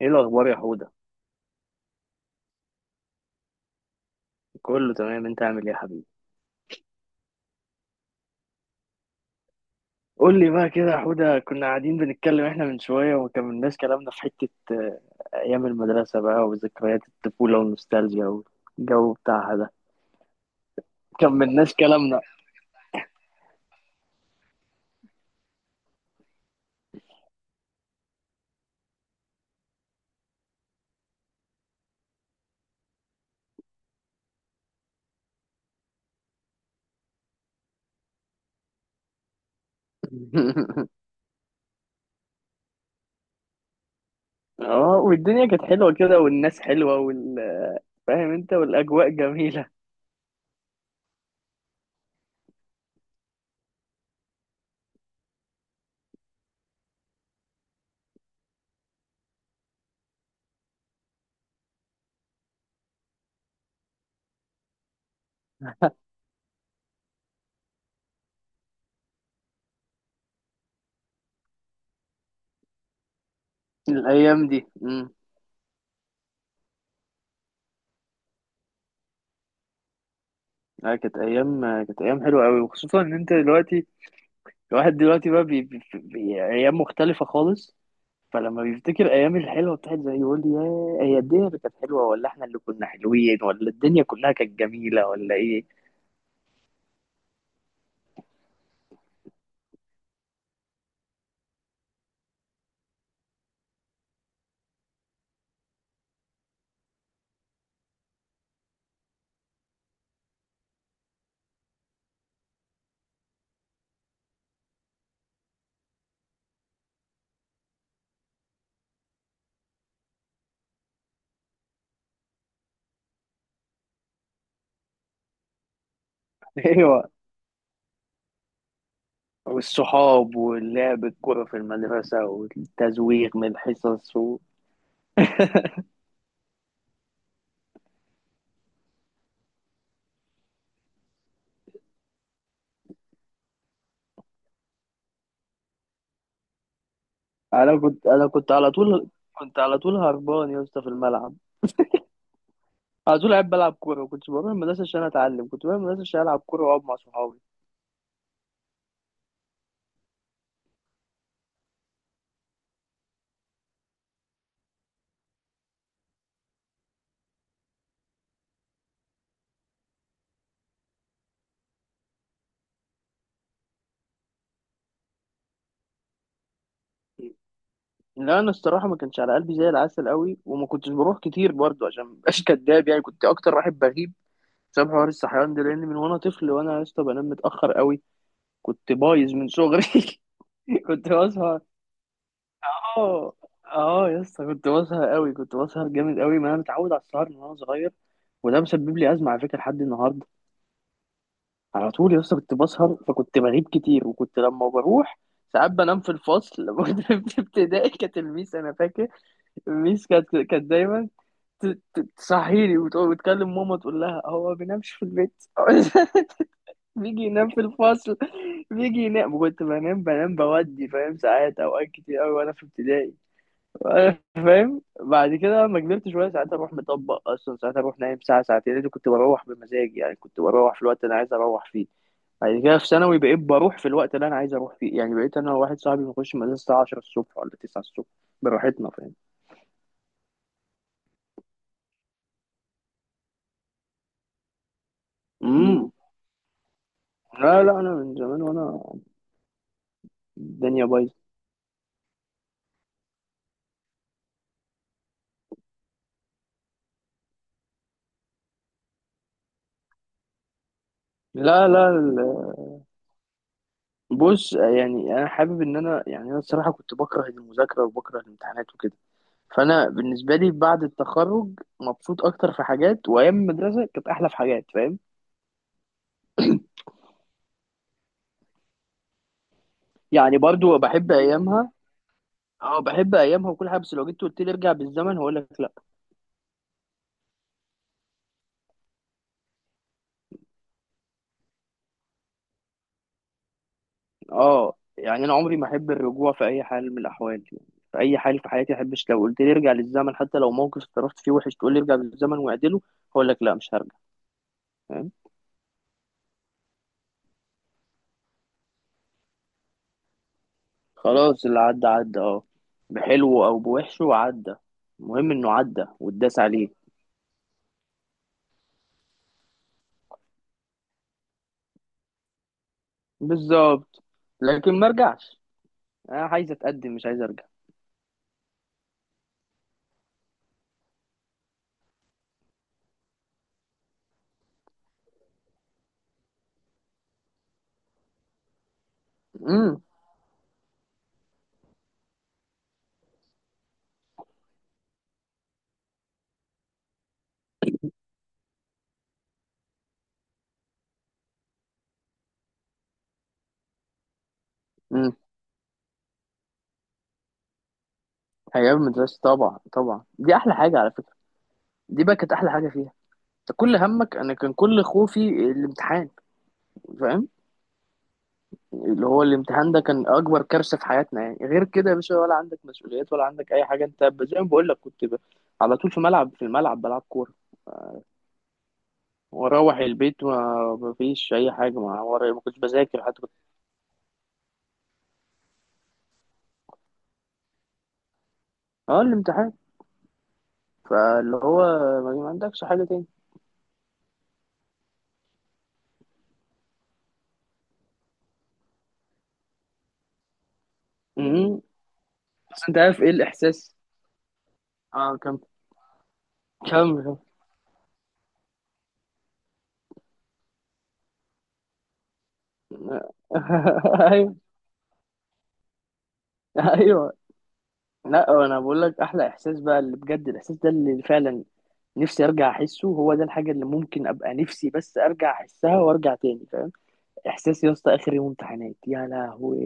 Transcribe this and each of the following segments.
ايه الاخبار يا حوده؟ كله تمام، انت عامل ايه يا حبيبي؟ قول لي بقى كده يا حوده، كنا قاعدين بنتكلم احنا من شويه وما كملناش كلامنا في حته ايام المدرسه بقى وذكريات الطفوله والنوستالجيا والجو بتاعها ده. ما كملناش كلامنا. اه، والدنيا كانت حلوه كده والناس حلوه وال... فاهم انت، والاجواء جميله. الايام دي اه كانت ايام، كانت ايام حلوه قوي، وخصوصا ان انت دلوقتي، الواحد دلوقتي بقى ايام مختلفه خالص. فلما بيفتكر ايام الحلوه بتاعت زي، يقول يا هي الدنيا اللي كانت حلوه ولا احنا اللي كنا حلوين، ولا الدنيا كلها كانت جميله ولا ايه؟ ايوه، والصحاب واللعب الكوره في المدرسه والتزويق من الحصص. انا كنت على طول، كنت على طول هربان يا اسطى في الملعب، على طول قاعد بلعب كوره. ما كنتش بروح المدرسه عشان اتعلم، كنت بروح المدرسه عشان العب كوره واقعد مع صحابي. لا انا الصراحه ما كانش على قلبي زي العسل قوي، وما كنتش بروح كتير برضه عشان مبقاش كداب، يعني كنت اكتر واحد بغيب بسبب حوار الصحيان ده، لان من وانا طفل وانا يا اسطى بنام متاخر قوي، كنت بايظ من صغري. كنت بسهر. اه. اه يا اسطى كنت بسهر قوي، كنت بسهر جامد قوي، ما انا متعود على السهر من وانا صغير، وده مسبب لي ازمه على فكره لحد النهارده. على طول يا اسطى كنت بسهر، فكنت بغيب كتير، وكنت لما بروح ساعات بنام في الفصل. لما كنت في ابتدائي كانت الميس، انا فاكر الميس كانت دايما ت- تصحيني وتكلم ماما تقول لها هو ما بينامش في البيت. بيجي ينام في الفصل، بيجي ينام. كنت بنام بودي فاهم ساعات، اوقات كتير قوي وانا في ابتدائي. وأنا فاهم بعد كده لما كبرت شويه، ساعات اروح مطبق اصلا، ساعات اروح نايم ساعه ساعتين، لأن كنت بروح بمزاجي، يعني كنت بروح في الوقت اللي انا عايز اروح فيه. بعد كده في ثانوي بقيت بروح في الوقت اللي انا عايز اروح فيه، يعني بقيت انا وواحد صاحبي بنخش المدرسه الساعه 10 الصبح ولا 9 الصبح، براحتنا فاهم. امم لا لا انا من زمان وانا الدنيا بايظه. لا لا، بص، يعني انا حابب ان انا، يعني انا الصراحه كنت بكره المذاكره وبكره الامتحانات وكده، فانا بالنسبه لي بعد التخرج مبسوط اكتر في حاجات، وايام المدرسه كانت احلى في حاجات فاهم. يعني برضو بحب ايامها، اه بحب ايامها وكل حاجه، بس لو جيت قلت لي ارجع بالزمن هقول لك لا. اه يعني انا عمري ما احب الرجوع في اي حال من الاحوال، يعني في اي حال في حياتي ما احبش، لو قلت لي ارجع للزمن حتى لو موقف اتصرفت فيه وحش، تقول لي ارجع بالزمن واعدله، هقول لك لا مش هرجع، فاهم. خلاص اللي عدى عدى، اه، بحلوه او بوحشه عدى، المهم انه عدى واتداس عليه. بالظبط، لكن ما رجعش، انا عايز اتقدم مش عايز ارجع. امم امم ايام المدرسه طبعا طبعا دي احلى حاجه على فكره، دي بقى كانت احلى حاجه فيها. انت كل همك، انا كان كل خوفي الامتحان، فاهم، اللي هو الامتحان ده كان اكبر كارثه في حياتنا، يعني غير كده يا باشا ولا عندك مسؤوليات ولا عندك اي حاجه، انت زي ما بقول لك على طول في ملعب، في الملعب بلعب كوره، واروح البيت وما فيش اي حاجه ما ورا، ما كنتش بذاكر حتى كنت. اه الامتحان، فاللي هو ما عندكش حاجه تاني. امم بس انت عارف ايه الاحساس؟ اه. كم كم كم. ايوه ايوه. لا انا بقول لك احلى احساس بقى، اللي بجد الاحساس ده اللي فعلا نفسي ارجع احسه، هو ده الحاجه اللي ممكن ابقى نفسي بس ارجع احسها وارجع تاني فاهم، احساس يا اسطى اخر يوم امتحانات يا لهوي،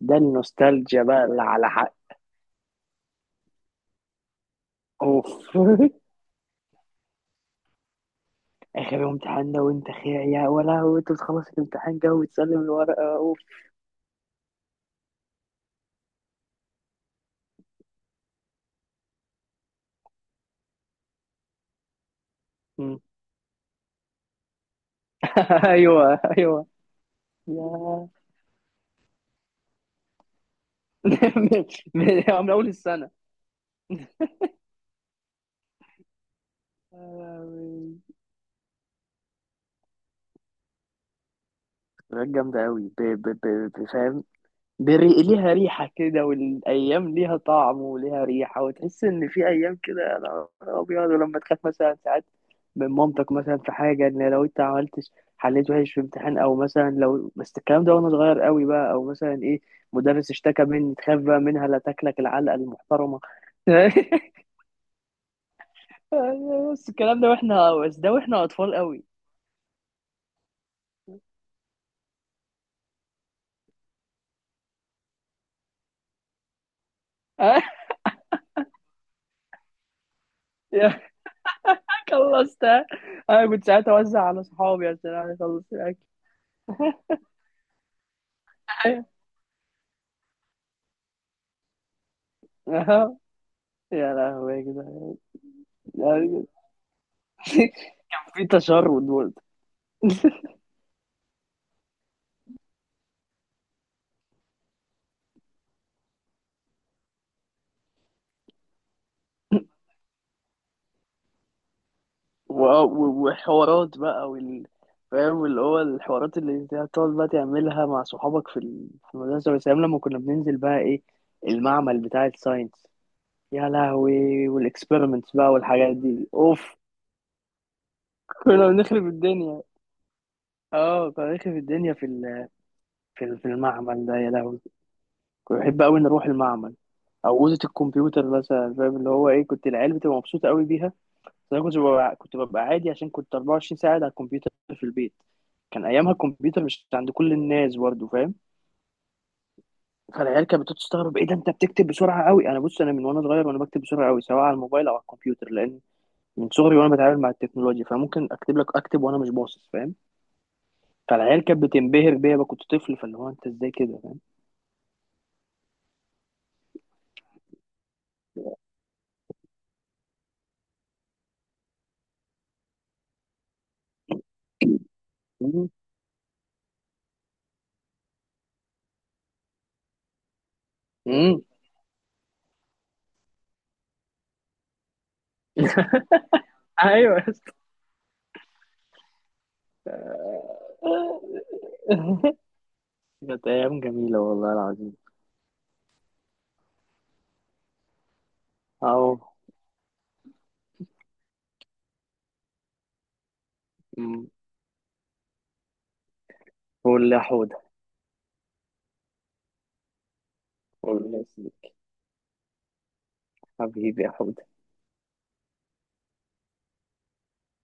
ده النوستالجيا بقى اللي على حق. اوف. اخر امتحان ده وانت خير يا، ولا هو انت بتخلص الامتحان كده وتسلم الورقه، اوف. مم. ايوه ايوه. يا من، من اول السنه. يا لهوي. حاجات جامده قوي، فاهم. ليها ريحة كده، والأيام ليها طعم وليها ريحة، وتحس إن في أيام كده يا نهار أبيض، ولما تخاف مثلا ساعات من مامتك مثلا في حاجة، إن لو أنت عملتش، حليت وحش في امتحان، أو مثلا لو، بس الكلام ده وأنا صغير قوي بقى، أو مثلا إيه، مدرس اشتكى مني، تخاف بقى منها لا تاكلك العلقة المحترمة. بس الكلام ده وإحنا، بس ده وإحنا أطفال قوي. يا خلصت. أنا كنت ساعتها أوزع على صحابي عشان أنا أخلص الأكل. يا لهوي يا جدعان، يعني. في تشرد برضه. وحوارات بقى وال، فاهم اللي هو الحوارات اللي انت هتقعد بقى تعملها مع صحابك في المدرسة، بس أيام لما كنا بننزل بقى ايه، المعمل بتاع الساينس، يا لهوي، والاكسبيرمنتس بقى والحاجات دي اوف، كنا بنخرب الدنيا. اه كنا بنخرب الدنيا في المعمل ده، يا لهوي. كنت بحب قوي نروح المعمل او اوضه الكمبيوتر مثلا، فاهم اللي هو ايه، كنت العيال بتبقى مبسوطه قوي بيها، بس انا كنت ببقى كنت ببقى عادي، عشان كنت 24 ساعه قاعد على الكمبيوتر في البيت، كان ايامها الكمبيوتر مش عند كل الناس برضه فاهم. فالعيال كانت بتستغرب، ايه ده انت بتكتب بسرعه قوي؟ انا بص، انا من وانا صغير وانا بكتب بسرعه قوي سواء على الموبايل او على الكمبيوتر، لان من صغري وانا بتعامل مع التكنولوجيا، فممكن اكتب لك اكتب وانا مش باصص فاهم. فالعيال كانت بتنبهر بيا بقى، كنت طفل، فاللي هو انت ازاي كده فاهم. مم. مم. ايوه يا اسطى. كانت ايام جميله والله العظيم. اهو. مم. قول لي يا حوده. قول لي يا سيدي. حبيبي يا حوده.